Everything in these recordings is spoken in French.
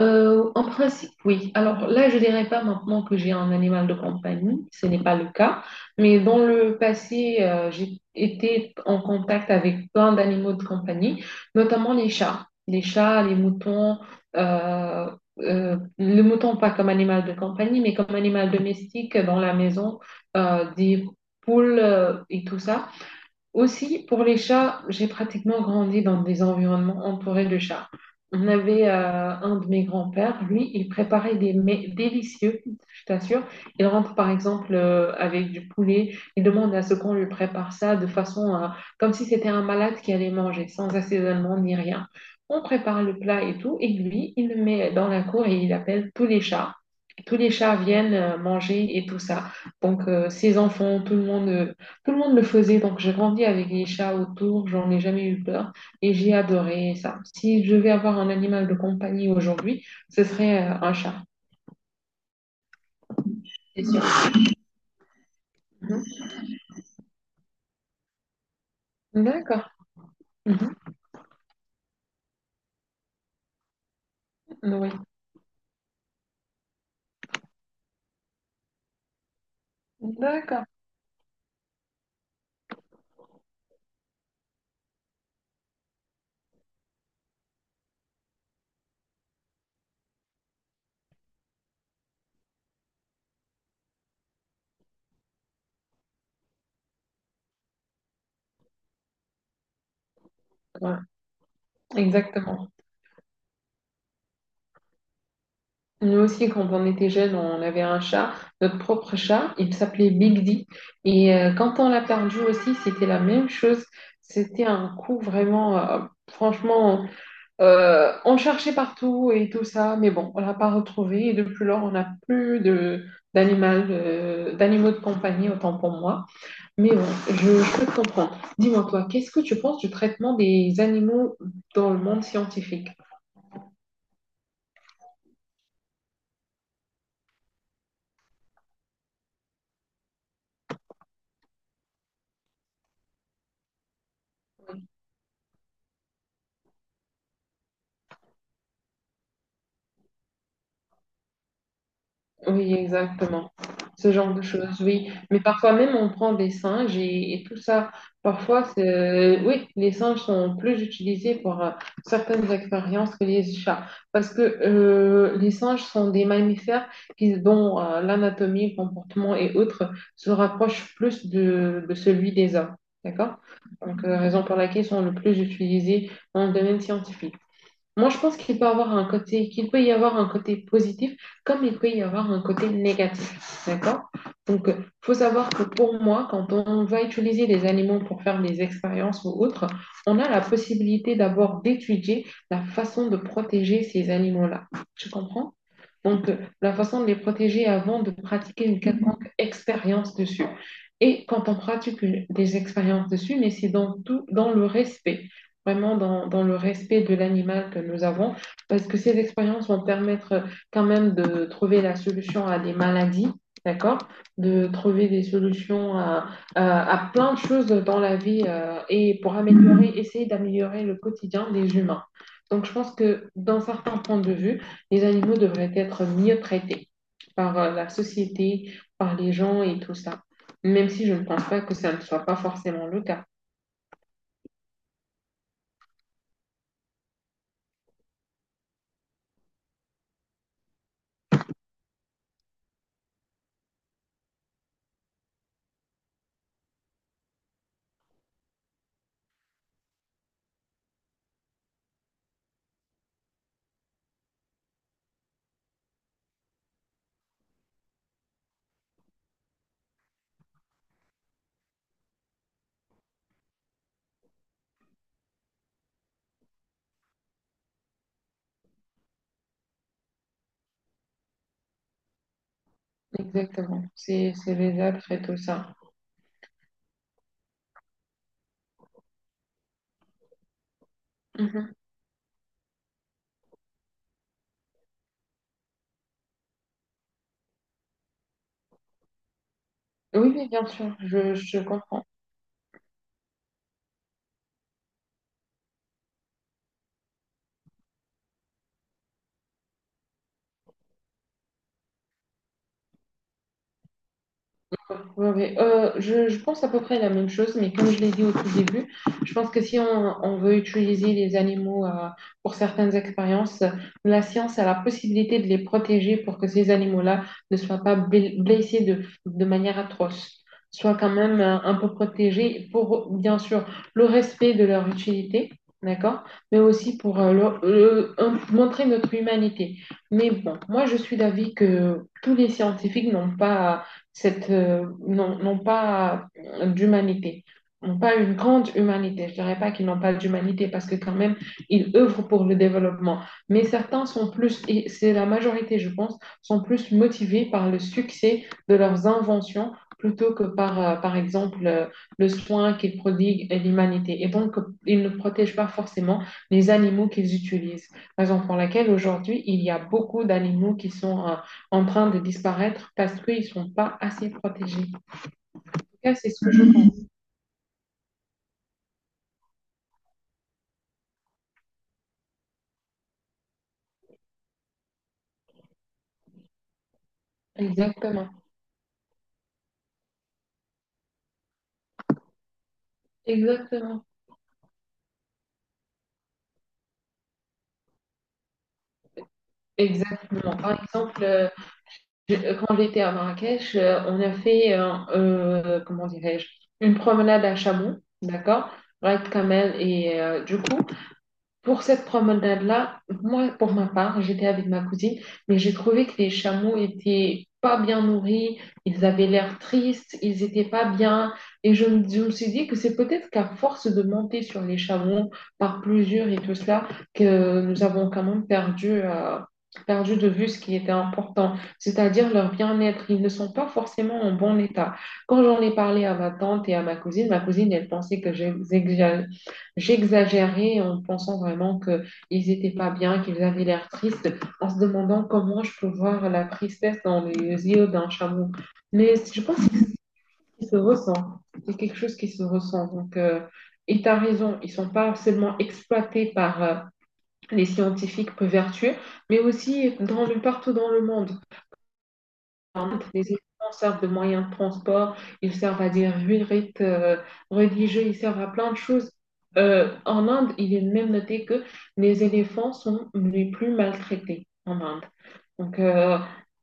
En principe, oui. Alors là, je dirais pas maintenant que j'ai un animal de compagnie, ce n'est pas le cas. Mais dans le passé, j'ai été en contact avec plein d'animaux de compagnie, notamment les chats. Les chats, les moutons, euh, le mouton pas comme animal de compagnie, mais comme animal domestique dans la maison, des poules et tout ça. Aussi, pour les chats, j'ai pratiquement grandi dans des environnements entourés de chats. On avait un de mes grands-pères, lui, il préparait des mets délicieux, je t'assure. Il rentre par exemple avec du poulet, il demande à ce qu'on lui prépare ça de façon comme si c'était un malade qui allait manger, sans assaisonnement ni rien. On prépare le plat et tout, et lui, il le met dans la cour et il appelle tous les chats. Tous les chats viennent manger et tout ça. Donc, ses enfants, tout le monde. Tout le monde le faisait, donc j'ai grandi avec les chats autour, j'en ai jamais eu peur et j'ai adoré ça. Si je devais avoir un animal de compagnie aujourd'hui, ce serait un chat, c'est sûr. Mhm. D'accord. Mhm. Oui, d'accord. Ouais, exactement. Nous aussi, quand on était jeunes, on avait un chat, notre propre chat, il s'appelait Big D. Et quand on l'a perdu aussi, c'était la même chose. C'était un coup vraiment, franchement, on cherchait partout et tout ça, mais bon, on l'a pas retrouvé. Et depuis lors, on n'a plus de d'animal, d'animaux de compagnie, autant pour moi. Mais bon, je peux te comprendre. Dis-moi, toi, qu'est-ce que tu penses du traitement des animaux dans le monde scientifique? Oui, exactement. Ce genre de choses, oui. Mais parfois même, on prend des singes et tout ça. Parfois, oui, les singes sont plus utilisés pour certaines expériences que les chats. Parce que les singes sont des mammifères qui, dont l'anatomie, le comportement et autres se rapprochent plus de celui des hommes. D'accord? Donc, raison pour laquelle ils sont le plus utilisés dans le domaine scientifique. Moi, je pense qu'il peut avoir un côté, qu'il peut y avoir un côté positif comme il peut y avoir un côté négatif. D'accord? Donc, il faut savoir que pour moi, quand on va utiliser des animaux pour faire des expériences ou autres, on a la possibilité d'abord d'étudier la façon de protéger ces animaux-là. Tu comprends? Donc, la façon de les protéger avant de pratiquer une quelconque expérience dessus. Et quand on pratique des expériences dessus, mais c'est dans tout, dans le respect vraiment dans, dans le respect de l'animal que nous avons, parce que ces expériences vont permettre quand même de trouver la solution à des maladies, d'accord? De trouver des solutions à plein de choses dans la vie et pour améliorer, essayer d'améliorer le quotidien des humains. Donc, je pense que dans certains points de vue, les animaux devraient être mieux traités par la société, par les gens et tout ça, même si je ne pense pas que ça ne soit pas forcément le cas. Exactement. C'est les faisable, faites tout ça. Mhm. Oui, oui, bien sûr, je comprends. Ouais, ouais. Je pense à peu près la même chose, mais comme je l'ai dit au tout début, je pense que si on, on veut utiliser les animaux pour certaines expériences, la science a la possibilité de les protéger pour que ces animaux-là ne soient pas blessés de manière atroce, soient quand même un peu protégés pour, bien sûr, le respect de leur utilité, d'accord, mais aussi pour montrer notre humanité. Mais bon, moi je suis d'avis que tous les scientifiques n'ont pas cette, non, n'ont pas d'humanité, n'ont pas une grande humanité. Je ne dirais pas qu'ils n'ont pas d'humanité parce que quand même, ils œuvrent pour le développement. Mais certains sont plus, et c'est la majorité, je pense, sont plus motivés par le succès de leurs inventions plutôt que par, par exemple, le soin qu'ils prodiguent à l'humanité. Et donc, ils ne protègent pas forcément les animaux qu'ils utilisent. Raison pour laquelle aujourd'hui, il y a beaucoup d'animaux qui sont en train de disparaître parce qu'ils ne sont pas assez protégés. En tout cas, c'est ce que je pense. Exactement. Exactement. Exactement. Par exemple, quand j'étais à Marrakech, on a fait, comment dirais-je, une promenade à chameau, d'accord? Raid Camel et du coup, pour cette promenade-là, moi, pour ma part, j'étais avec ma cousine, mais j'ai trouvé que les chameaux étaient pas bien nourris, ils avaient l'air tristes, ils étaient pas bien. Et je me suis dit que c'est peut-être qu'à force de monter sur les chameaux par plusieurs et tout cela, que nous avons quand même perdu, perdu de vue ce qui était important, c'est-à-dire leur bien-être. Ils ne sont pas forcément en bon état. Quand j'en ai parlé à ma tante et à ma cousine, elle pensait que j'exagérais. J'exagérais en pensant vraiment qu'ils n'étaient pas bien, qu'ils avaient l'air tristes, en se demandant comment je peux voir la tristesse dans les yeux d'un chameau. Mais je pense que ça se ressent. C'est quelque chose qui se ressent. Donc, et tu as raison, ils ne sont pas seulement exploités par les scientifiques peu vertueux, mais aussi dans le, partout dans le monde. Les étudiants servent de moyens de transport, ils servent à des rites religieux, ils servent à plein de choses. En Inde, il est même noté que les éléphants sont les plus maltraités en Inde. Donc, euh,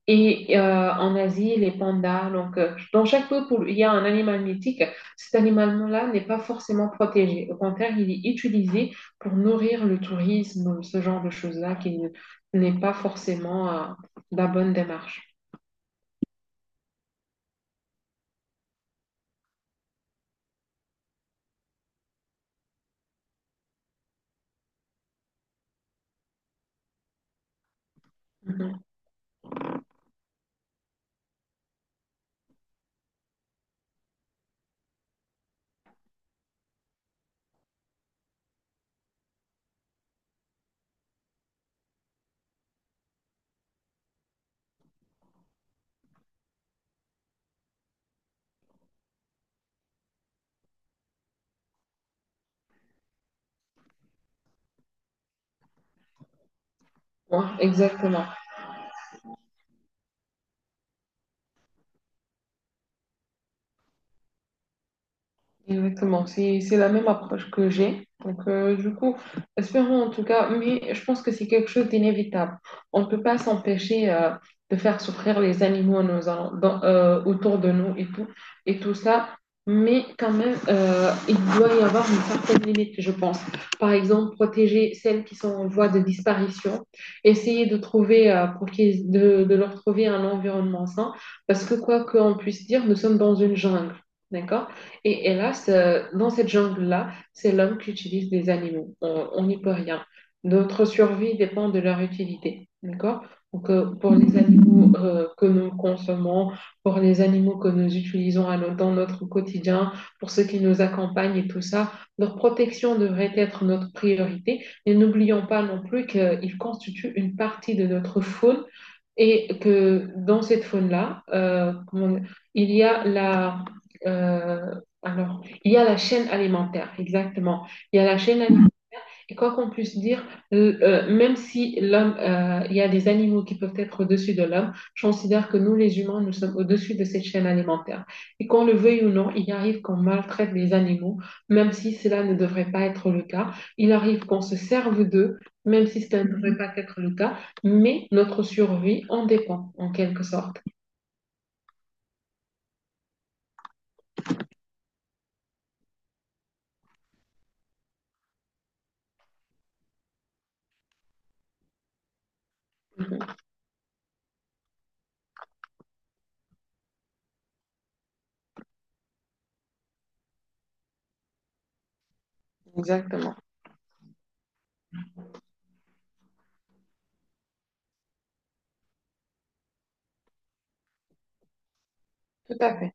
et euh, en Asie, les pandas. Donc, dans chaque peuple, il y a un animal mythique. Cet animal-là n'est pas forcément protégé. Au contraire, il est utilisé pour nourrir le tourisme, ce genre de choses-là n'est pas forcément la bonne démarche. Mhm. Hein, exactement. Exactement, c'est la même approche que j'ai. Donc, du coup, espérons en tout cas, mais je pense que c'est quelque chose d'inévitable. On ne peut pas s'empêcher de faire souffrir les animaux autour de nous et tout ça, mais quand même, il doit y avoir une certaine limite, je pense. Par exemple, protéger celles qui sont en voie de disparition, essayer de trouver, de leur trouver un environnement sain, parce que quoi qu'on puisse dire, nous sommes dans une jungle, d'accord? Et là, dans cette jungle-là, c'est l'homme qui utilise des animaux. On n'y peut rien. Notre survie dépend de leur utilité. D'accord? Donc, pour les animaux que nous consommons, pour les animaux que nous utilisons à no- dans notre quotidien, pour ceux qui nous accompagnent et tout ça, leur protection devrait être notre priorité. Et n'oublions pas non plus qu'ils constituent une partie de notre faune et que dans cette faune-là, il y a la, euh, alors, il y a la chaîne alimentaire, exactement. Il y a la chaîne alimentaire et quoi qu'on puisse dire, même si l'homme, il y a des animaux qui peuvent être au-dessus de l'homme, je considère que nous, les humains, nous sommes au-dessus de cette chaîne alimentaire. Et qu'on le veuille ou non, il arrive qu'on maltraite les animaux, même si cela ne devrait pas être le cas. Il arrive qu'on se serve d'eux, même si cela ne devrait pas être le cas. Mais notre survie en dépend, en quelque sorte. Mhm. Exactement. Tout à fait.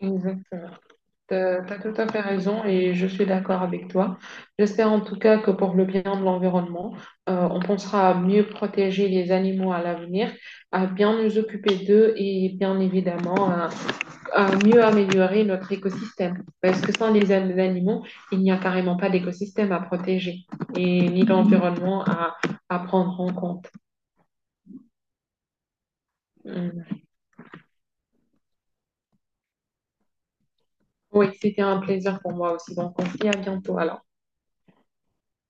Exactement. T'as tout à fait raison et je suis d'accord avec toi. J'espère en tout cas que pour le bien de l'environnement, on pensera à mieux protéger les animaux à l'avenir, à bien nous occuper d'eux et bien évidemment à mieux améliorer notre écosystème. Parce que sans les animaux, il n'y a carrément pas d'écosystème à protéger et ni d'environnement à prendre en compte. Hum. Oui, c'était un plaisir pour moi aussi. Donc on se dit à bientôt alors.